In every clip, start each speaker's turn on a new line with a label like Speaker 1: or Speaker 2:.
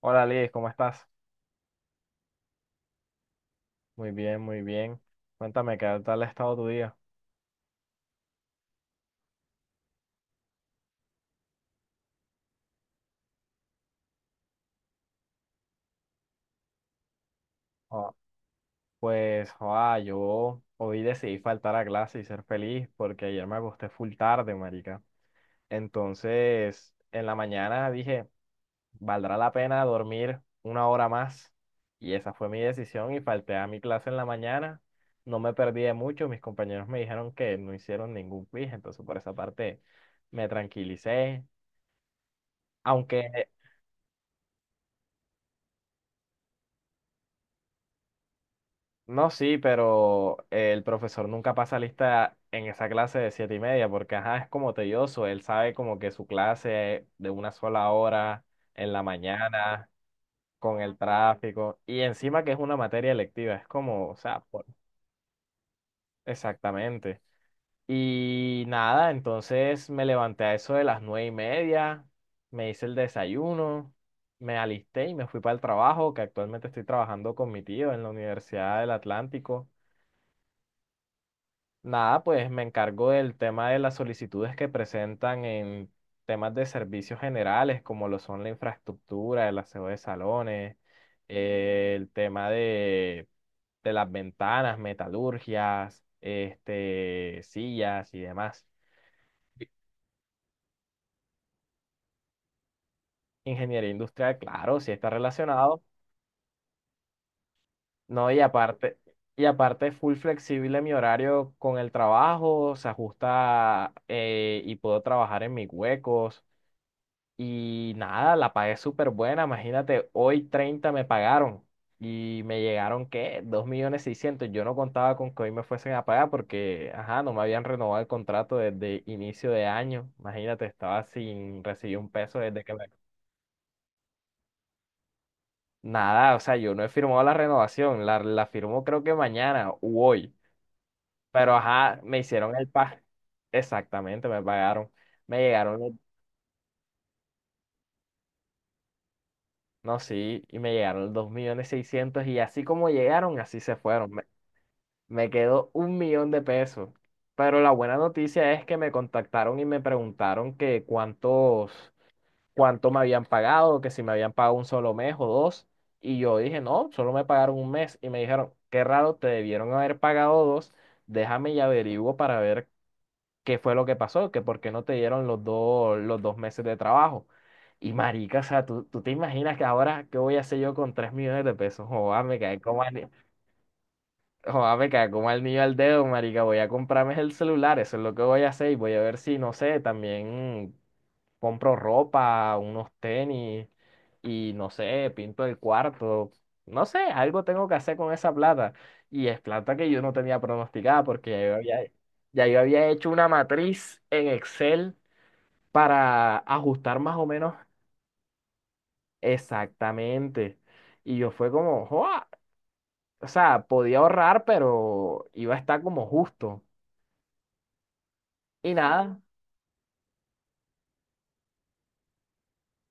Speaker 1: Hola Liz, ¿cómo estás? Muy bien, muy bien. Cuéntame, ¿qué tal ha estado tu día? Ah, pues, joa, yo hoy decidí faltar a clase y ser feliz porque ayer me acosté full tarde, marica. Entonces, en la mañana dije, ¿valdrá la pena dormir una hora más? Y esa fue mi decisión y falté a mi clase en la mañana. No me perdí de mucho, mis compañeros me dijeron que no hicieron ningún quiz, entonces por esa parte me tranquilicé. Aunque. No, sí, pero el profesor nunca pasa lista en esa clase de 7:30, porque ajá, es como tedioso. Él sabe como que su clase es de una sola hora en la mañana, con el tráfico, y encima que es una materia electiva, es como, o sea, exactamente. Y nada, entonces me levanté a eso de las 9:30, me hice el desayuno, me alisté y me fui para el trabajo, que actualmente estoy trabajando con mi tío en la Universidad del Atlántico. Nada, pues me encargo del tema de las solicitudes que presentan en temas de servicios generales, como lo son la infraestructura, el aseo de salones, el tema de las ventanas, metalurgias, sillas y demás. Ingeniería industrial, claro, sí está relacionado, ¿no? Y aparte es full flexible mi horario con el trabajo, se ajusta y puedo trabajar en mis huecos. Y nada, la pagué súper buena. Imagínate, hoy 30 me pagaron y me llegaron, ¿qué? 2.600.000. Yo no contaba con que hoy me fuesen a pagar porque, ajá, no me habían renovado el contrato desde inicio de año. Imagínate, estaba sin recibir un peso desde que me. Nada, o sea, yo no he firmado la renovación. La firmo creo que mañana u hoy. Pero, ajá, me hicieron el pago. Exactamente, me pagaron. Me llegaron los- no, sí, y me llegaron los 2.600.000 y así como llegaron, así se fueron. Me quedó 1 millón de pesos. Pero la buena noticia es que me contactaron y me preguntaron que cuánto me habían pagado, que si me habían pagado un solo mes o dos. Y yo dije, no, solo me pagaron un mes. Y me dijeron, qué raro, te debieron haber pagado dos. Déjame y averiguo para ver qué fue lo que pasó, que por qué no te dieron los dos meses de trabajo. Y marica, o sea, ¿tú te imaginas que ahora qué voy a hacer yo con 3 millones de pesos? Joder, me caí como. Joder, me cago como al niño al dedo, marica. Voy a comprarme el celular, eso es lo que voy a hacer. Y voy a ver si, no sé, también compro ropa, unos tenis y, no sé, pinto el cuarto. No sé, algo tengo que hacer con esa plata. Y es plata que yo no tenía pronosticada porque ya yo había hecho una matriz en Excel para ajustar más o menos exactamente. Y yo fue como, joa, o sea, podía ahorrar, pero iba a estar como justo. Y nada,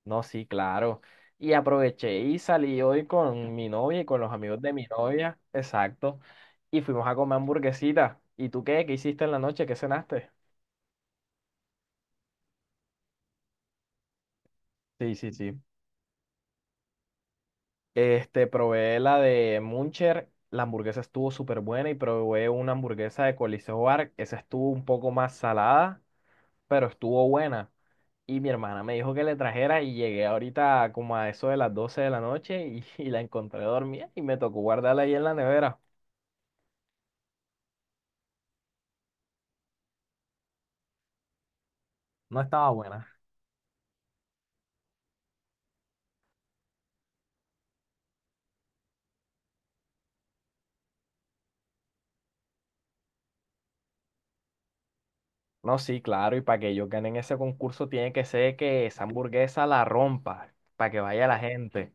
Speaker 1: no, sí, claro. Y aproveché y salí hoy con mi novia y con los amigos de mi novia, exacto. Y fuimos a comer hamburguesita. ¿Y tú qué? ¿Qué hiciste en la noche? ¿Qué cenaste? Sí, sí, sí. Probé la de Muncher, la hamburguesa estuvo súper buena y probé una hamburguesa de Coliseo Bar, esa estuvo un poco más salada, pero estuvo buena. Y mi hermana me dijo que le trajera y llegué ahorita como a eso de las 12 de la noche y, y la encontré dormida y me tocó guardarla ahí en la nevera. No estaba buena. No, sí, claro, y para que ellos ganen ese concurso tiene que ser que esa hamburguesa la rompa, para que vaya la gente.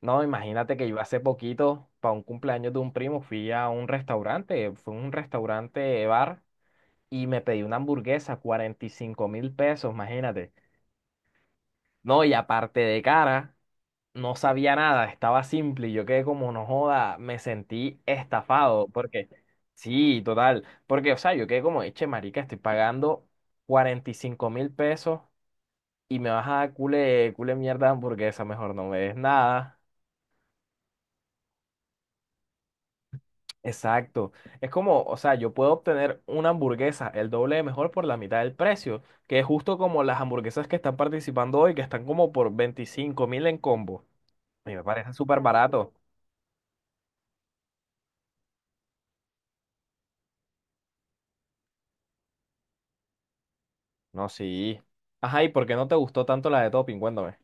Speaker 1: No, imagínate que yo hace poquito, para un cumpleaños de un primo, fui a un restaurante, fue un restaurante bar, y me pedí una hamburguesa, 45.000 pesos, imagínate. No, y aparte de cara. No sabía nada, estaba simple y yo quedé como, no joda, me sentí estafado, porque sí, total, porque, o sea, yo quedé como, eche, marica, estoy pagando 45.000 pesos y me vas a dar cule, cule mierda de hamburguesa, mejor no me des nada. Exacto, es como, o sea, yo puedo obtener una hamburguesa el doble de mejor por la mitad del precio, que es justo como las hamburguesas que están participando hoy, que están como por 25.000 en combo. A mí me parece súper barato. No, sí. Ajá, ¿y por qué no te gustó tanto la de Topping? Cuéntame.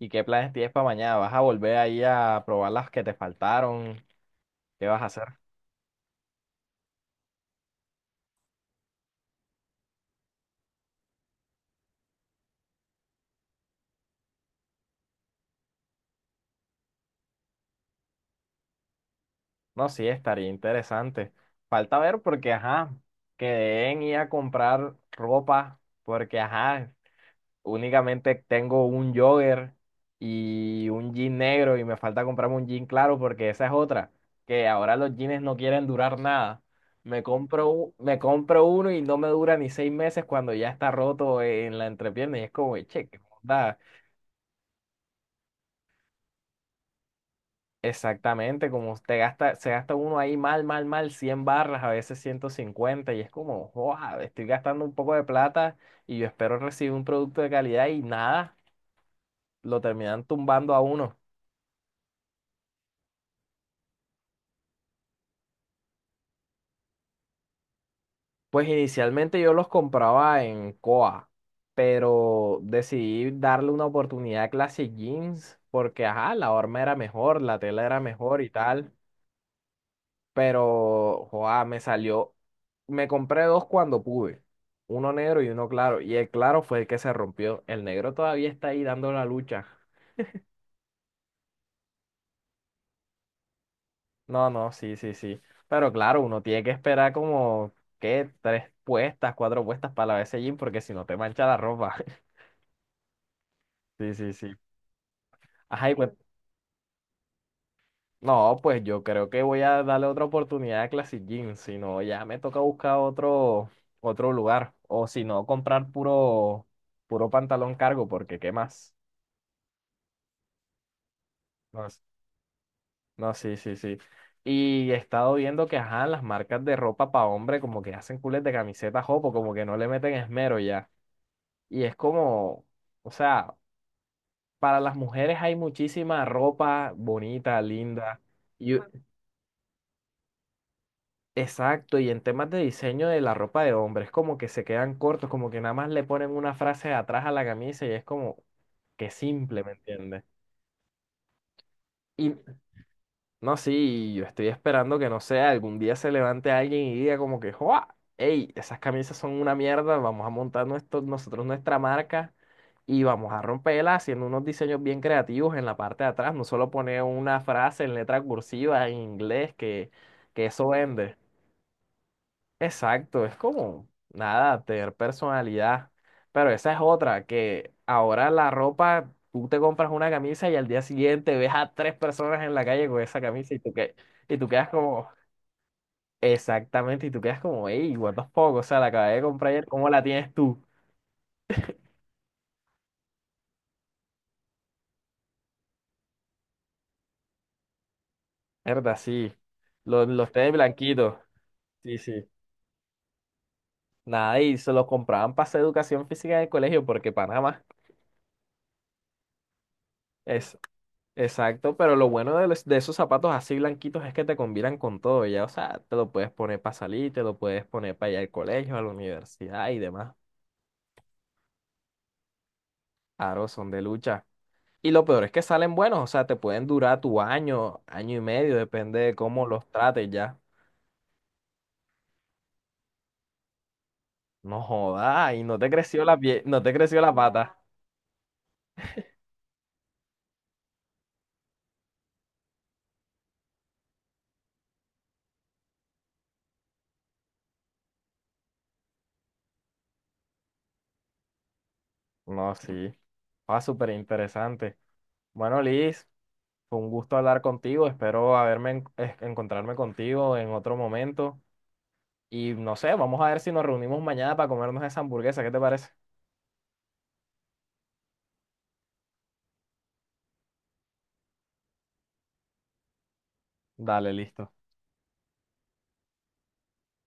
Speaker 1: ¿Y qué planes tienes para mañana? ¿Vas a volver ahí a probar las que te faltaron? ¿Qué vas a hacer? No, sí, estaría interesante. Falta ver porque, ajá, quedé en ir a comprar ropa porque, ajá, únicamente tengo un jogger y un jean negro y me falta comprarme un jean claro porque esa es otra, que ahora los jeans no quieren durar nada. Me compro uno y no me dura ni 6 meses cuando ya está roto en la entrepierna y es como, che, qué onda. Exactamente, como se gasta uno ahí mal, mal, mal, 100 barras, a veces 150 y es como, wow, estoy gastando un poco de plata y yo espero recibir un producto de calidad y nada, lo terminan tumbando a uno. Pues inicialmente yo los compraba en Coa, pero decidí darle una oportunidad a Classic Jeans porque, ajá, la horma era mejor, la tela era mejor y tal, pero, joa, me compré dos cuando pude, uno negro y uno claro, y el claro fue el que se rompió, el negro todavía está ahí dando la lucha. No, no, sí, sí, sí, pero claro, uno tiene que esperar como, ¿qué? 3 puestas, 4 puestas para la vez jean porque si no te mancha la ropa. Sí, sí, sí. Ajá, y pues. No, pues yo creo que voy a darle otra oportunidad a Classic Jeans, si no ya me toca buscar otro lugar, o si no comprar puro pantalón cargo, porque ¿qué más? No, no, sí, sí, sí. Y he estado viendo que, ajá, las marcas de ropa para hombre como que hacen cules de camisetas jopo, como que no le meten esmero ya. Y es como, o sea, para las mujeres hay muchísima ropa bonita, linda. Y. Exacto, y en temas de diseño de la ropa de hombre, es como que se quedan cortos, como que nada más le ponen una frase atrás a la camisa y es como que simple, ¿me entiendes? Y no, sí, yo estoy esperando que no sé, algún día se levante alguien y diga como que, ¡Joa! ¡Ey! Esas camisas son una mierda, vamos a montar nosotros nuestra marca y vamos a romperla haciendo unos diseños bien creativos en la parte de atrás, no solo poner una frase en letra cursiva en inglés que eso vende. Exacto, es como nada, tener personalidad. Pero esa es otra, que ahora la ropa, tú te compras una camisa y al día siguiente ves a tres personas en la calle con esa camisa y tú quedas como, exactamente, y tú quedas como, ey, what the fuck, o sea, la acabé de comprar ayer, ¿cómo la tienes tú? Verdad, sí, los tenis blanquitos, sí, sí. Nada, y se los compraban para hacer educación física en el colegio porque Panamá, exacto, pero lo bueno de esos zapatos así blanquitos es que te combinan con todo, ya, o sea, te lo puedes poner para salir, te lo puedes poner para ir al colegio, a la universidad y demás. Claro, son de lucha. Y lo peor es que salen buenos, o sea, te pueden durar tu año, año y medio, depende de cómo los trates ya. No jodas, y no te creció la pie, no te creció la pata. No, sí. Ah, súper interesante. Bueno, Liz, fue un gusto hablar contigo, espero haberme encontrarme contigo en otro momento. Y no sé, vamos a ver si nos reunimos mañana para comernos esa hamburguesa. ¿Qué te parece? Dale, listo.